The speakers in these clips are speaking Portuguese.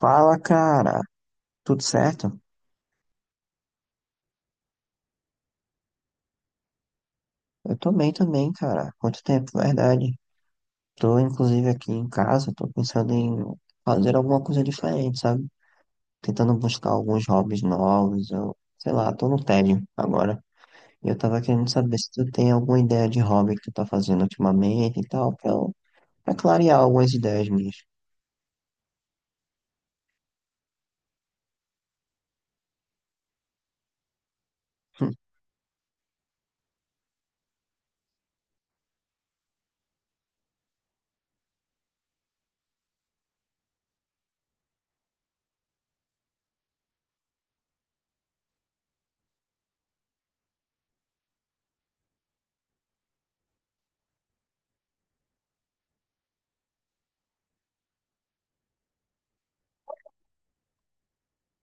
Fala, cara. Tudo certo? Eu tô bem também, cara. Quanto tempo, verdade. Tô, inclusive, aqui em casa. Tô pensando em fazer alguma coisa diferente, sabe? Tentando buscar alguns hobbies novos. Eu, sei lá, tô no tédio agora. E eu tava querendo saber se tu tem alguma ideia de hobby que tu tá fazendo ultimamente e tal, pra clarear algumas ideias minhas. Hum.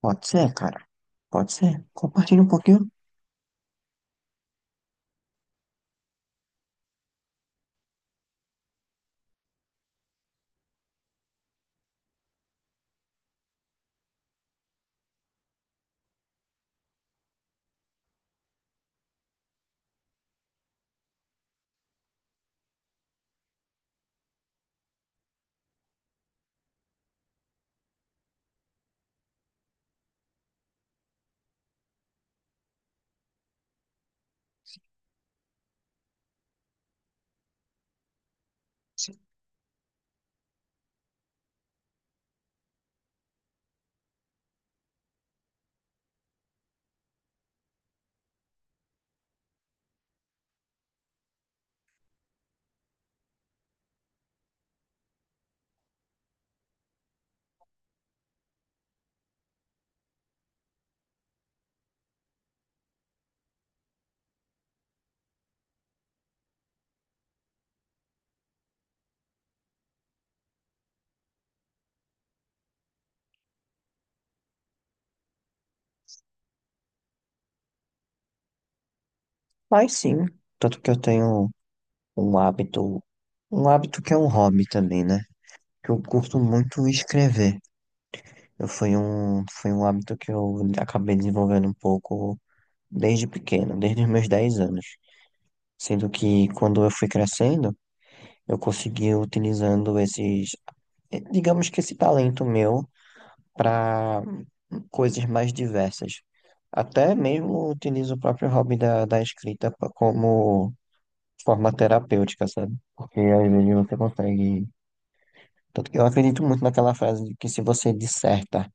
Pode ser, cara. Pode ser. Compartilha um pouquinho. Mas sim. Tanto que eu tenho um hábito, um hábito que é um hobby também, né? Que eu curto muito escrever. Eu foi um hábito que eu acabei desenvolvendo um pouco desde pequeno, desde os meus 10 anos. Sendo que quando eu fui crescendo, eu consegui utilizando digamos que esse talento meu para coisas mais diversas. Até mesmo utilizo o próprio hobby da escrita como forma terapêutica, sabe? Porque às vezes você consegue. Tanto que eu acredito muito naquela frase de que se você disserta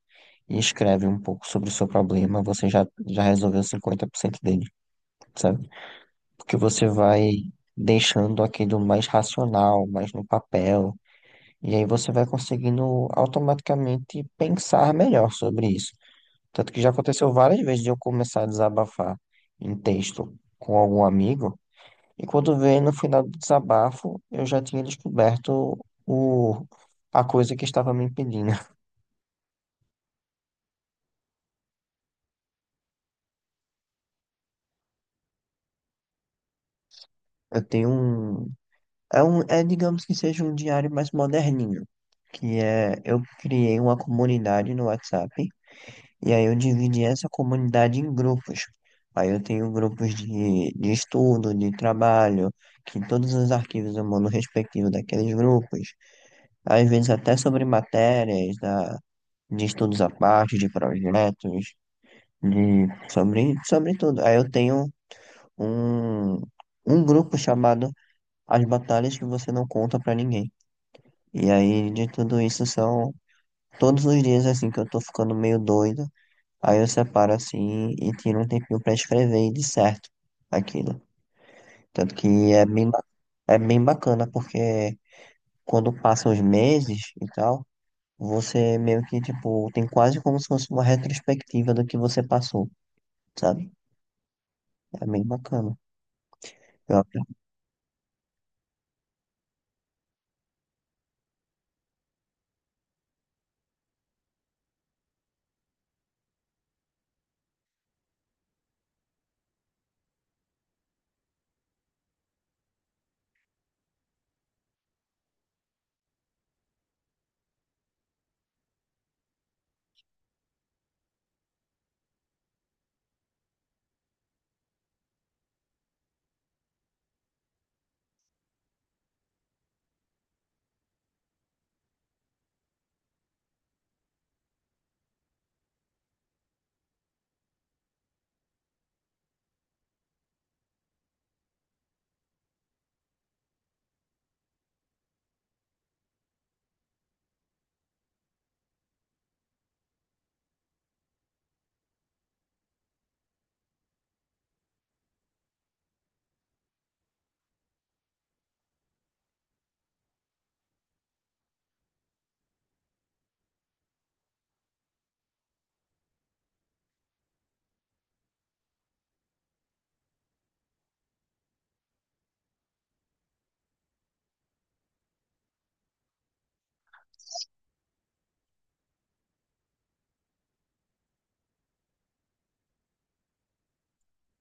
e escreve um pouco sobre o seu problema, você já resolveu 50% dele, sabe? Porque você vai deixando aquilo mais racional, mais no papel, e aí você vai conseguindo automaticamente pensar melhor sobre isso. Tanto que já aconteceu várias vezes de eu começar a desabafar em texto com algum amigo, e quando veio no final do desabafo, eu já tinha descoberto o, a coisa que estava me impedindo. Eu tenho um, É um, digamos que seja um diário mais moderninho, eu criei uma comunidade no WhatsApp e aí eu dividi essa comunidade em grupos. Aí eu tenho grupos de estudo, de trabalho, que todos os arquivos eu mando respectivo daqueles grupos. Às vezes até sobre matérias, de estudos à parte, de projetos, sobre tudo. Aí eu tenho um, um grupo chamado As Batalhas que Você Não Conta Pra Ninguém. E aí de tudo isso são todos os dias assim que eu tô ficando meio doido. Aí eu separo assim e tiro um tempinho pra escrever de certo aquilo. Tanto que é bem bacana porque quando passam os meses e tal, você meio que tipo tem quase como se fosse uma retrospectiva do que você passou, sabe? É bem bacana. Eu aprendi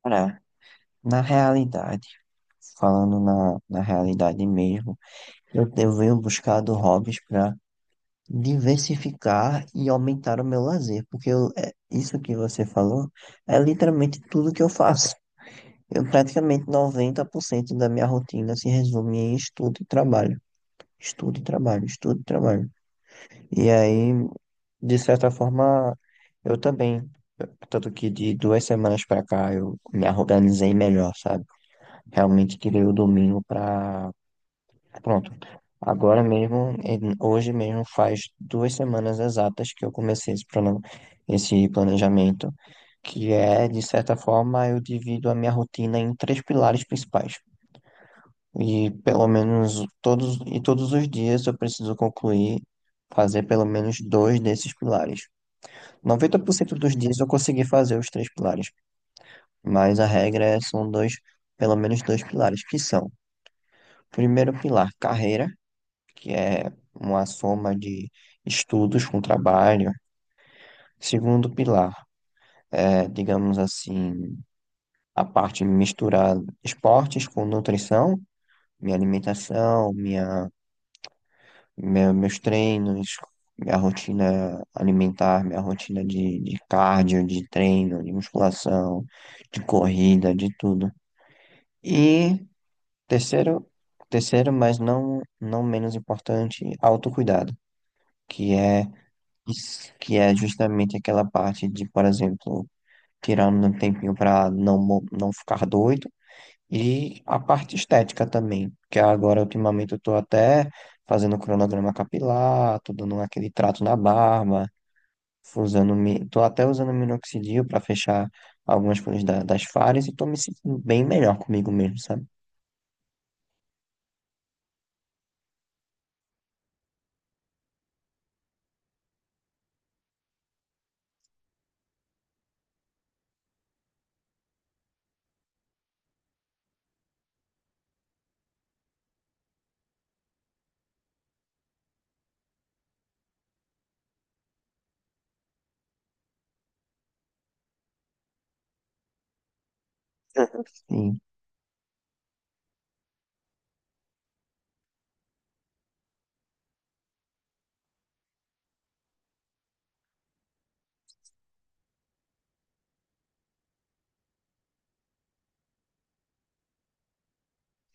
a parar. Na realidade, falando na realidade mesmo, eu venho buscado hobbies diversificar e aumentar o meu lazer, porque isso que você falou é literalmente tudo que eu faço. Eu praticamente 90% da minha rotina se resume em estudo e trabalho. Estudo e trabalho, estudo e trabalho. E aí, de certa forma, eu também, tanto que de 2 semanas pra cá eu me organizei melhor, sabe? Realmente tirei o domingo pra. Pronto. Agora mesmo, hoje mesmo faz 2 semanas exatas que eu comecei esse plano, esse planejamento, que é, de certa forma, eu divido a minha rotina em três pilares principais. E pelo menos todos os dias eu preciso concluir, fazer pelo menos dois desses pilares. Noventa por cento dos dias eu consegui fazer os três pilares, mas a regra são dois, pelo menos dois pilares, que são, primeiro pilar, carreira, que é uma soma de estudos com trabalho. Segundo pilar, digamos assim, a parte de misturar esportes com nutrição, minha alimentação, meus treinos, minha rotina alimentar, minha rotina de cardio, de treino, de musculação, de corrida, de tudo. E terceiro, terceiro, mas não menos importante, autocuidado, que é isso. Que é justamente aquela parte de, por exemplo, tirando um tempinho para não ficar doido, e a parte estética também, que agora ultimamente eu tô até fazendo cronograma capilar, tô dando aquele trato na barba, tô até usando minoxidil para fechar algumas coisas das falhas e tô me sentindo bem melhor comigo mesmo, sabe? Sim,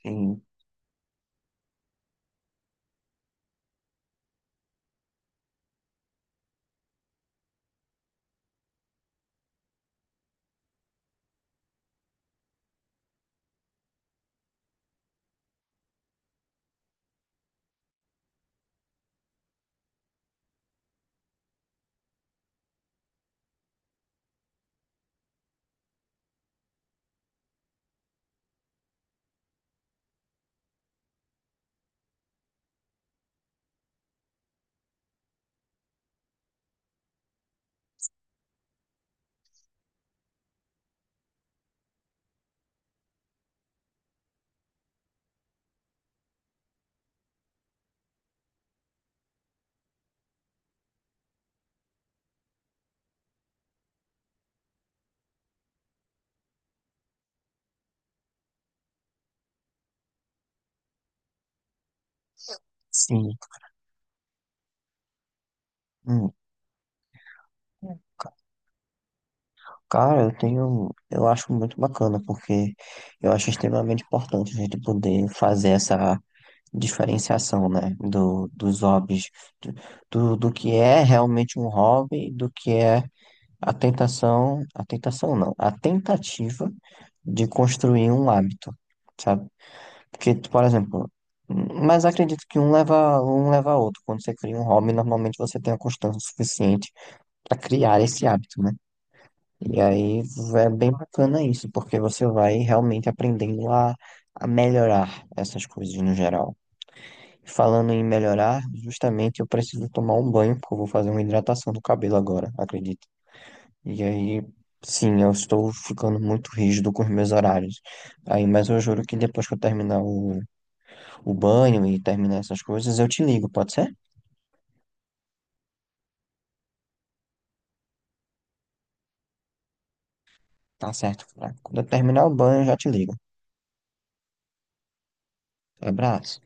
sim, sim. Hum. Cara, eu acho muito bacana, porque eu acho extremamente importante a gente poder fazer essa diferenciação, né, dos hobbies, do, do que é realmente um hobby, do que é a tentação não, a tentativa de construir um hábito, sabe? Porque, por exemplo, mas acredito que um leva a outro. Quando você cria um hobby, normalmente você tem a constância suficiente para criar esse hábito, né? E aí é bem bacana isso, porque você vai realmente aprendendo a melhorar essas coisas no geral. Falando em melhorar, justamente eu preciso tomar um banho, porque eu vou fazer uma hidratação do cabelo agora, acredito. E aí, sim, eu estou ficando muito rígido com os meus horários. Aí, mas eu juro que depois que eu terminar o banho e terminar essas coisas, eu te ligo, pode ser? Tá certo, cara. Quando eu terminar o banho, eu já te ligo. Abraço.